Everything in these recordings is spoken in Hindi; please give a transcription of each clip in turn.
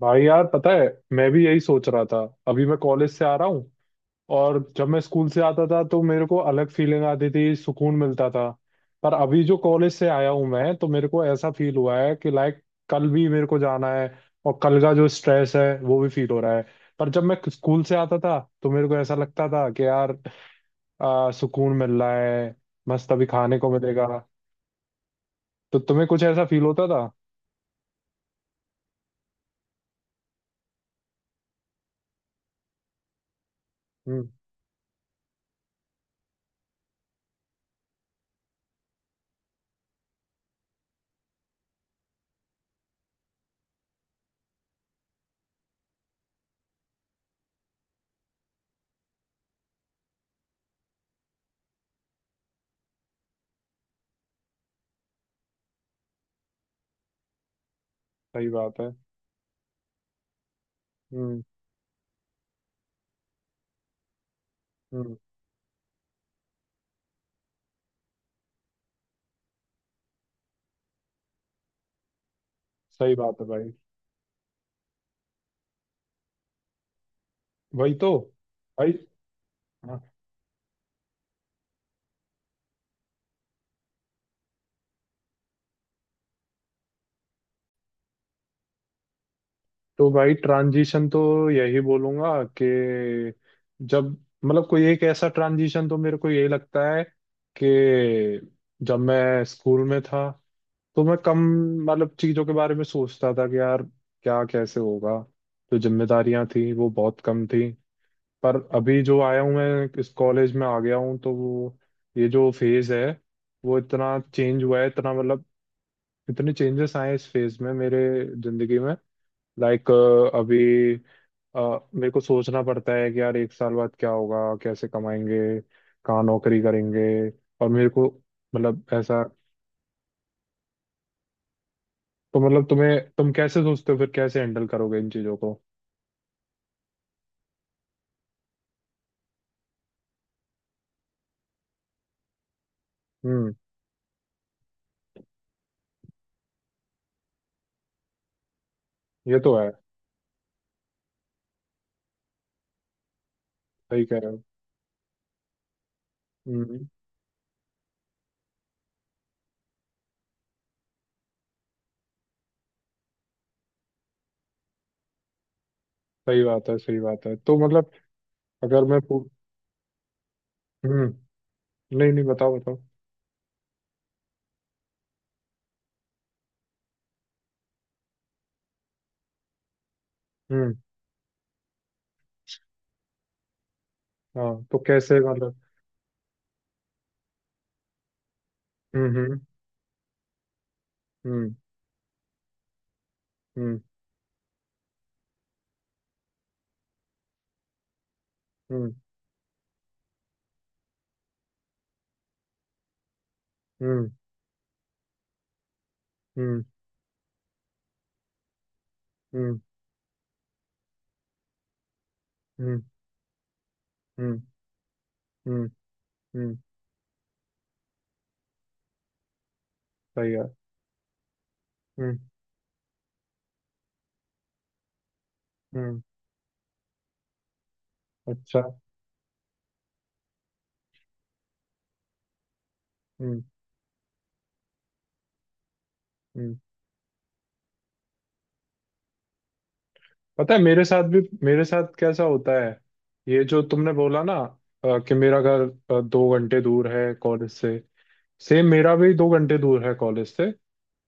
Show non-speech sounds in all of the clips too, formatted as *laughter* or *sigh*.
भाई यार, पता है, मैं भी यही सोच रहा था। अभी मैं कॉलेज से आ रहा हूँ। और जब मैं स्कूल से आता था तो मेरे को अलग फीलिंग आती थी, सुकून मिलता था। पर अभी जो कॉलेज से आया हूँ मैं, तो मेरे को ऐसा फील हुआ है कि लाइक कल भी मेरे को जाना है, और कल का जो स्ट्रेस है वो भी फील हो रहा है। पर जब मैं स्कूल से आता था तो मेरे को ऐसा लगता था कि यार, सुकून मिल रहा है, मस्त अभी खाने को मिलेगा। तो तुम्हें कुछ ऐसा फील होता था? हम्म। सही बात है। हम्म। हम्म। सही बात है भाई। वही तो। भाई। हाँ। तो भाई ट्रांजिशन तो यही बोलूंगा कि जब मतलब कोई एक ऐसा ट्रांजिशन तो मेरे को यही लगता है कि जब मैं स्कूल में था तो मैं कम मतलब चीजों के बारे में सोचता था कि यार क्या कैसे होगा। जो जिम्मेदारियां थी वो बहुत कम थी। पर अभी जो आया हूँ मैं, इस कॉलेज में आ गया हूँ, तो वो ये जो फेज है वो इतना चेंज हुआ है, इतना मतलब इतने चेंजेस आए हैं इस फेज में, मेरे जिंदगी में। लाइक अभी, अ, मेरे को सोचना पड़ता है कि यार एक साल बाद क्या होगा, कैसे कमाएंगे, कहाँ नौकरी करेंगे। और मेरे को, मतलब ऐसा, तो मतलब तुम कैसे सोचते हो, फिर कैसे हैंडल करोगे इन चीजों को? हम्म। ये तो है, सही कह रहे हो। हम्म। सही बात है, सही बात है, तो मतलब अगर मैं हम्म, नहीं नहीं, बताओ बताओ। हम्म। हाँ, तो कैसे, मतलब? हम्म। हम्म। हम्म। हम्म। हम्म। हम्म। हम्म। हम्म। हम्म। हम्म। हम्म। हम्म। सही है। हम्म। हम्म। अच्छा। हम्म। हम्म। पता है, मेरे साथ कैसा होता है? ये जो तुमने बोला ना, कि मेरा घर 2 घंटे दूर है कॉलेज से। सेम मेरा भी 2 घंटे दूर है कॉलेज से।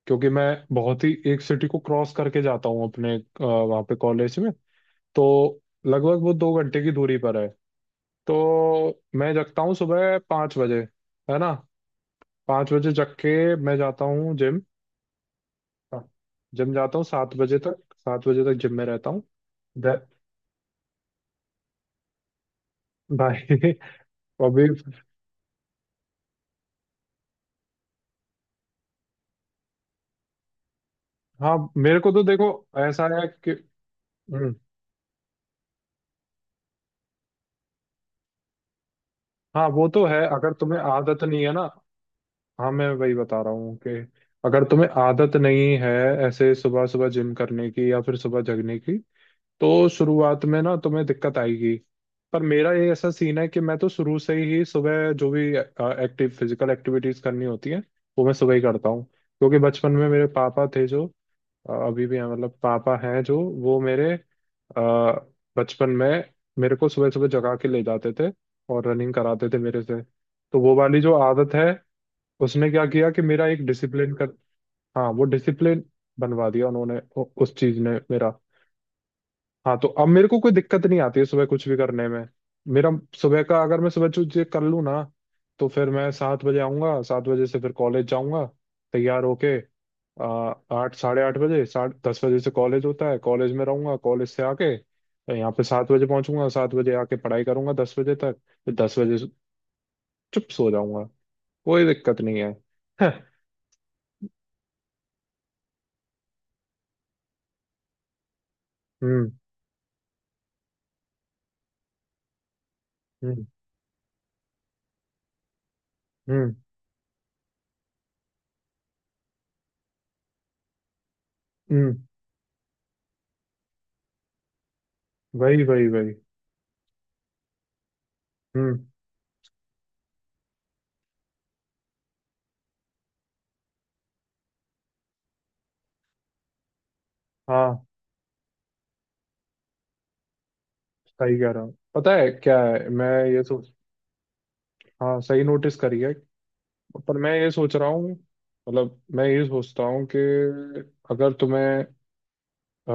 क्योंकि मैं बहुत ही एक सिटी को क्रॉस करके जाता हूँ अपने, वहाँ पे कॉलेज में। तो लगभग वो 2 घंटे की दूरी पर है। तो मैं जगता हूँ सुबह 5 बजे, है ना। 5 बजे जग के मैं जाता हूँ जिम। हाँ, जिम जाता हूँ 7 बजे तक, 7 बजे तक जिम में रहता हूँ। दे- भाई। *laughs* अभी। हाँ, मेरे को तो देखो, ऐसा है कि हम्म, हाँ वो तो है अगर तुम्हें आदत नहीं है ना। हाँ, मैं वही बता रहा हूँ कि अगर तुम्हें आदत नहीं है ऐसे सुबह सुबह जिम करने की या फिर सुबह जगने की, तो शुरुआत में ना तुम्हें दिक्कत आएगी। पर मेरा ये ऐसा सीन है कि मैं तो शुरू से ही सुबह, जो भी एक्टिव फिजिकल एक्टिविटीज करनी होती है वो मैं सुबह ही करता हूँ। क्योंकि बचपन में मेरे पापा थे जो, अभी भी है, मतलब पापा हैं जो, वो मेरे बचपन में मेरे को सुबह सुबह जगा के ले जाते थे और रनिंग कराते थे मेरे से। तो वो वाली जो आदत है, उसने क्या किया कि मेरा एक डिसिप्लिन कर, हाँ वो डिसिप्लिन बनवा दिया उन्होंने, उस चीज ने मेरा। हाँ, तो अब मेरे को कोई दिक्कत नहीं आती है सुबह कुछ भी करने में। मेरा सुबह का, अगर मैं सुबह कुछ कर लूँ ना, तो फिर मैं 7 बजे आऊँगा, 7 बजे से फिर कॉलेज जाऊँगा तैयार होके। आ, 8 साढ़े 8 बजे, साढ़े 10 बजे से कॉलेज होता है, कॉलेज में रहूँगा, कॉलेज से आके यहाँ पे 7 बजे पहुँचूंगा। 7 बजे आके पढ़ाई करूँगा 10 बजे तक, फिर 10 बजे से चुप सो जाऊँगा। कोई दिक्कत नहीं है। *laughs* हम्म। हम्म। हम्म। हम्म, वही वही वही। हम्म। हाँ, सही कह रहा हूँ, पता है क्या है, मैं ये सोच, हाँ सही नोटिस करी है। पर मैं ये सोच रहा हूँ, मतलब मैं ये सोचता हूँ कि अगर तुम्हें, अ,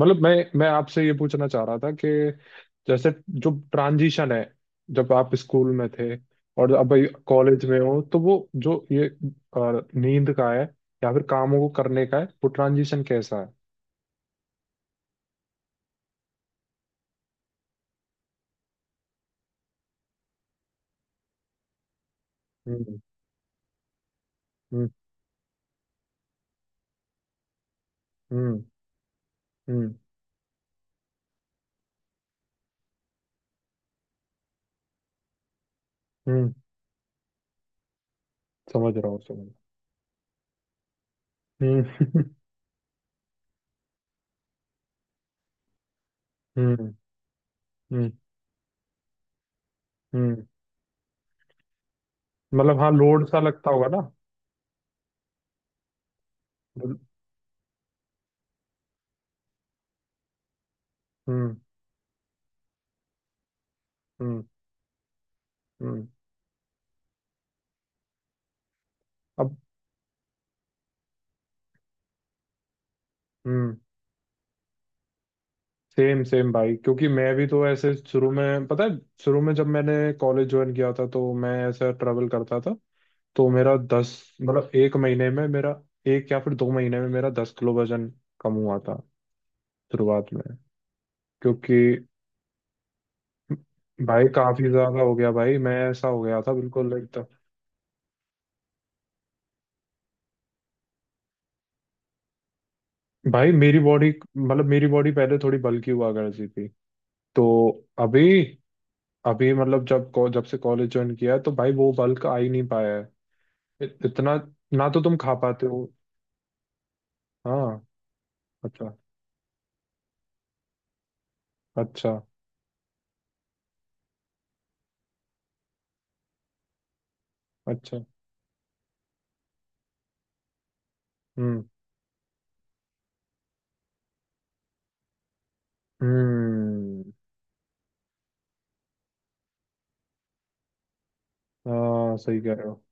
मतलब मैं आपसे ये पूछना चाह रहा था कि, जैसे, जो ट्रांजिशन है जब आप स्कूल में थे और अब कॉलेज में हो, तो वो जो ये नींद का है या फिर कामों को करने का है, वो ट्रांजिशन कैसा है? हम्म। हम्म। हम्म। हम्म। हम्म, समझ रहा हूँ, समझ रहा हूँ। हम्म। *laughs* हम्म। हम्म। हम्म। मतलब हाँ, लोड सा लगता होगा ना। हम्म। हम्म। हम्म। अब। हम्म। सेम सेम भाई, क्योंकि मैं भी तो ऐसे, शुरू में पता है, शुरू में जब मैंने कॉलेज ज्वाइन किया था तो मैं ऐसा ट्रेवल करता था, तो मेरा दस मतलब एक महीने में मेरा, एक या फिर 2 महीने में मेरा 10 किलो वजन कम हुआ था शुरुआत में। क्योंकि भाई काफी ज्यादा हो गया, भाई मैं ऐसा हो गया था बिल्कुल एकदम। भाई मेरी बॉडी, मतलब मेरी बॉडी पहले थोड़ी बल्की हुआ करती थी, तो अभी, अभी मतलब जब जब से कॉलेज ज्वाइन किया है तो भाई वो बल्क आ ही नहीं पाया है, इतना, ना तो तुम खा पाते हो। हाँ। अच्छा। अच्छा। अच्छा। हम्म। हम्म। हाँ, सही कह रहे हो।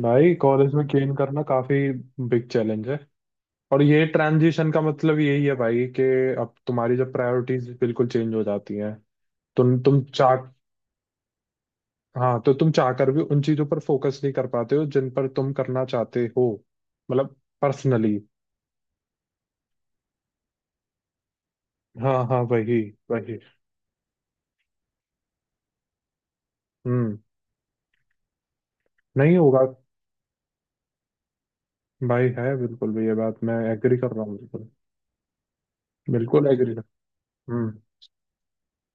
भाई कॉलेज में गेन करना काफी बिग चैलेंज है। और ये ट्रांजिशन का मतलब यही है भाई कि अब तुम्हारी, जब प्रायोरिटीज बिल्कुल चेंज हो जाती हैं, तुम चाह, हाँ तो तुम चाह कर भी उन चीजों पर फोकस नहीं कर पाते हो जिन पर तुम करना चाहते हो, मतलब पर्सनली। हाँ हाँ, वही वही। हम्म। नहीं होगा। भाई है, बिल्कुल भी, ये बात मैं एग्री कर रहा हूँ, बिल्कुल, बिल्कुल एग्री कर। हम्म।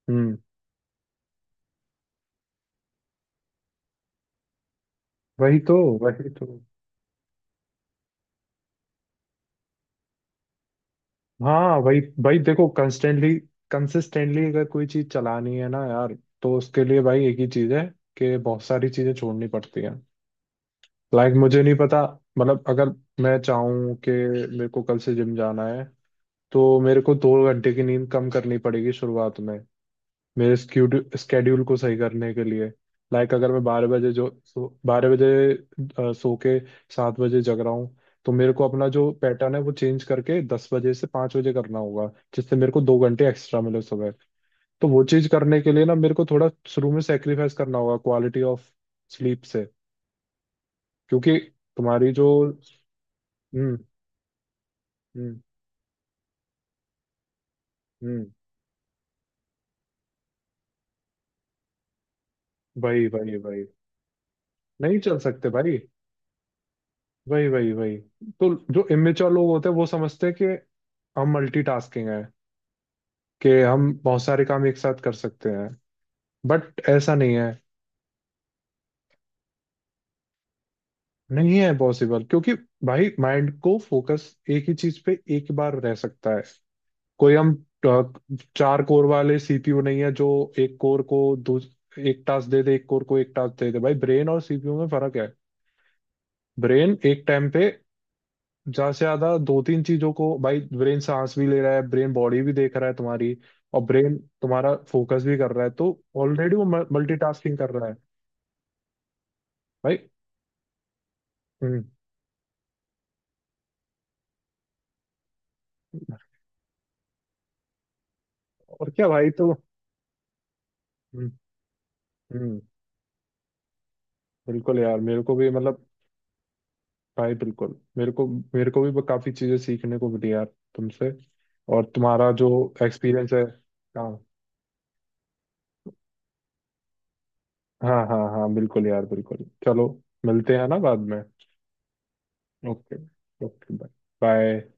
हम्म। वही तो, वही तो। हाँ, वही भाई, देखो कंस्टेंटली कंसिस्टेंटली अगर कोई चीज चलानी है ना यार, तो उसके लिए भाई एक ही चीज है कि बहुत सारी चीजें छोड़नी पड़ती हैं। लाइक, मुझे नहीं पता, मतलब अगर मैं चाहूँ कि मेरे को कल से जिम जाना है, तो मेरे को 2 घंटे की नींद कम करनी पड़ेगी शुरुआत में, मेरे स्केड्यूल को सही करने के लिए। लाइक, अगर मैं 12 बजे जो सो, 12 बजे, सो के 7 बजे जग रहा हूँ, तो मेरे को अपना जो पैटर्न है वो चेंज करके 10 बजे से 5 बजे करना होगा, जिससे मेरे को 2 घंटे एक्स्ट्रा मिले सुबह। तो वो चीज़ करने के लिए ना, मेरे को थोड़ा शुरू में सेक्रीफाइस करना होगा क्वालिटी ऑफ स्लीप से, क्योंकि तुम्हारी जो। हम्म। हम्म। हम्म। वही वही वही, नहीं चल सकते भाई। वही वही वही, तो जो इमेच्योर लोग होते हैं वो समझते हैं कि हम मल्टीटास्किंग है, कि हम बहुत सारे काम एक साथ कर सकते हैं। बट ऐसा नहीं है, नहीं है पॉसिबल, क्योंकि भाई माइंड को फोकस एक ही चीज पे एक बार रह सकता है। कोई हम अ, चार कोर वाले सीपीयू नहीं है जो एक कोर को दो एक टास्क दे दे, एक कोर को एक टास्क दे दे। भाई ब्रेन और सीपीयू में फर्क है। ब्रेन एक टाइम पे ज्यादा से ज्यादा दो तीन चीजों को, भाई ब्रेन सांस भी ले रहा है, ब्रेन बॉडी भी देख रहा है तुम्हारी, और ब्रेन तुम्हारा फोकस भी कर रहा है, तो ऑलरेडी वो मल्टीटास्किंग कर रहा है भाई। हम्म। और क्या भाई। तो हम्म। हम्म, बिल्कुल यार, मेरे को भी मतलब, भाई बिल्कुल, मेरे को भी काफी चीजें सीखने को मिली यार तुमसे, और तुम्हारा जो एक्सपीरियंस है। हाँ। हाँ हाँ हाँ, बिल्कुल यार, बिल्कुल, चलो मिलते हैं ना बाद में। ओके। Okay bye. बाय।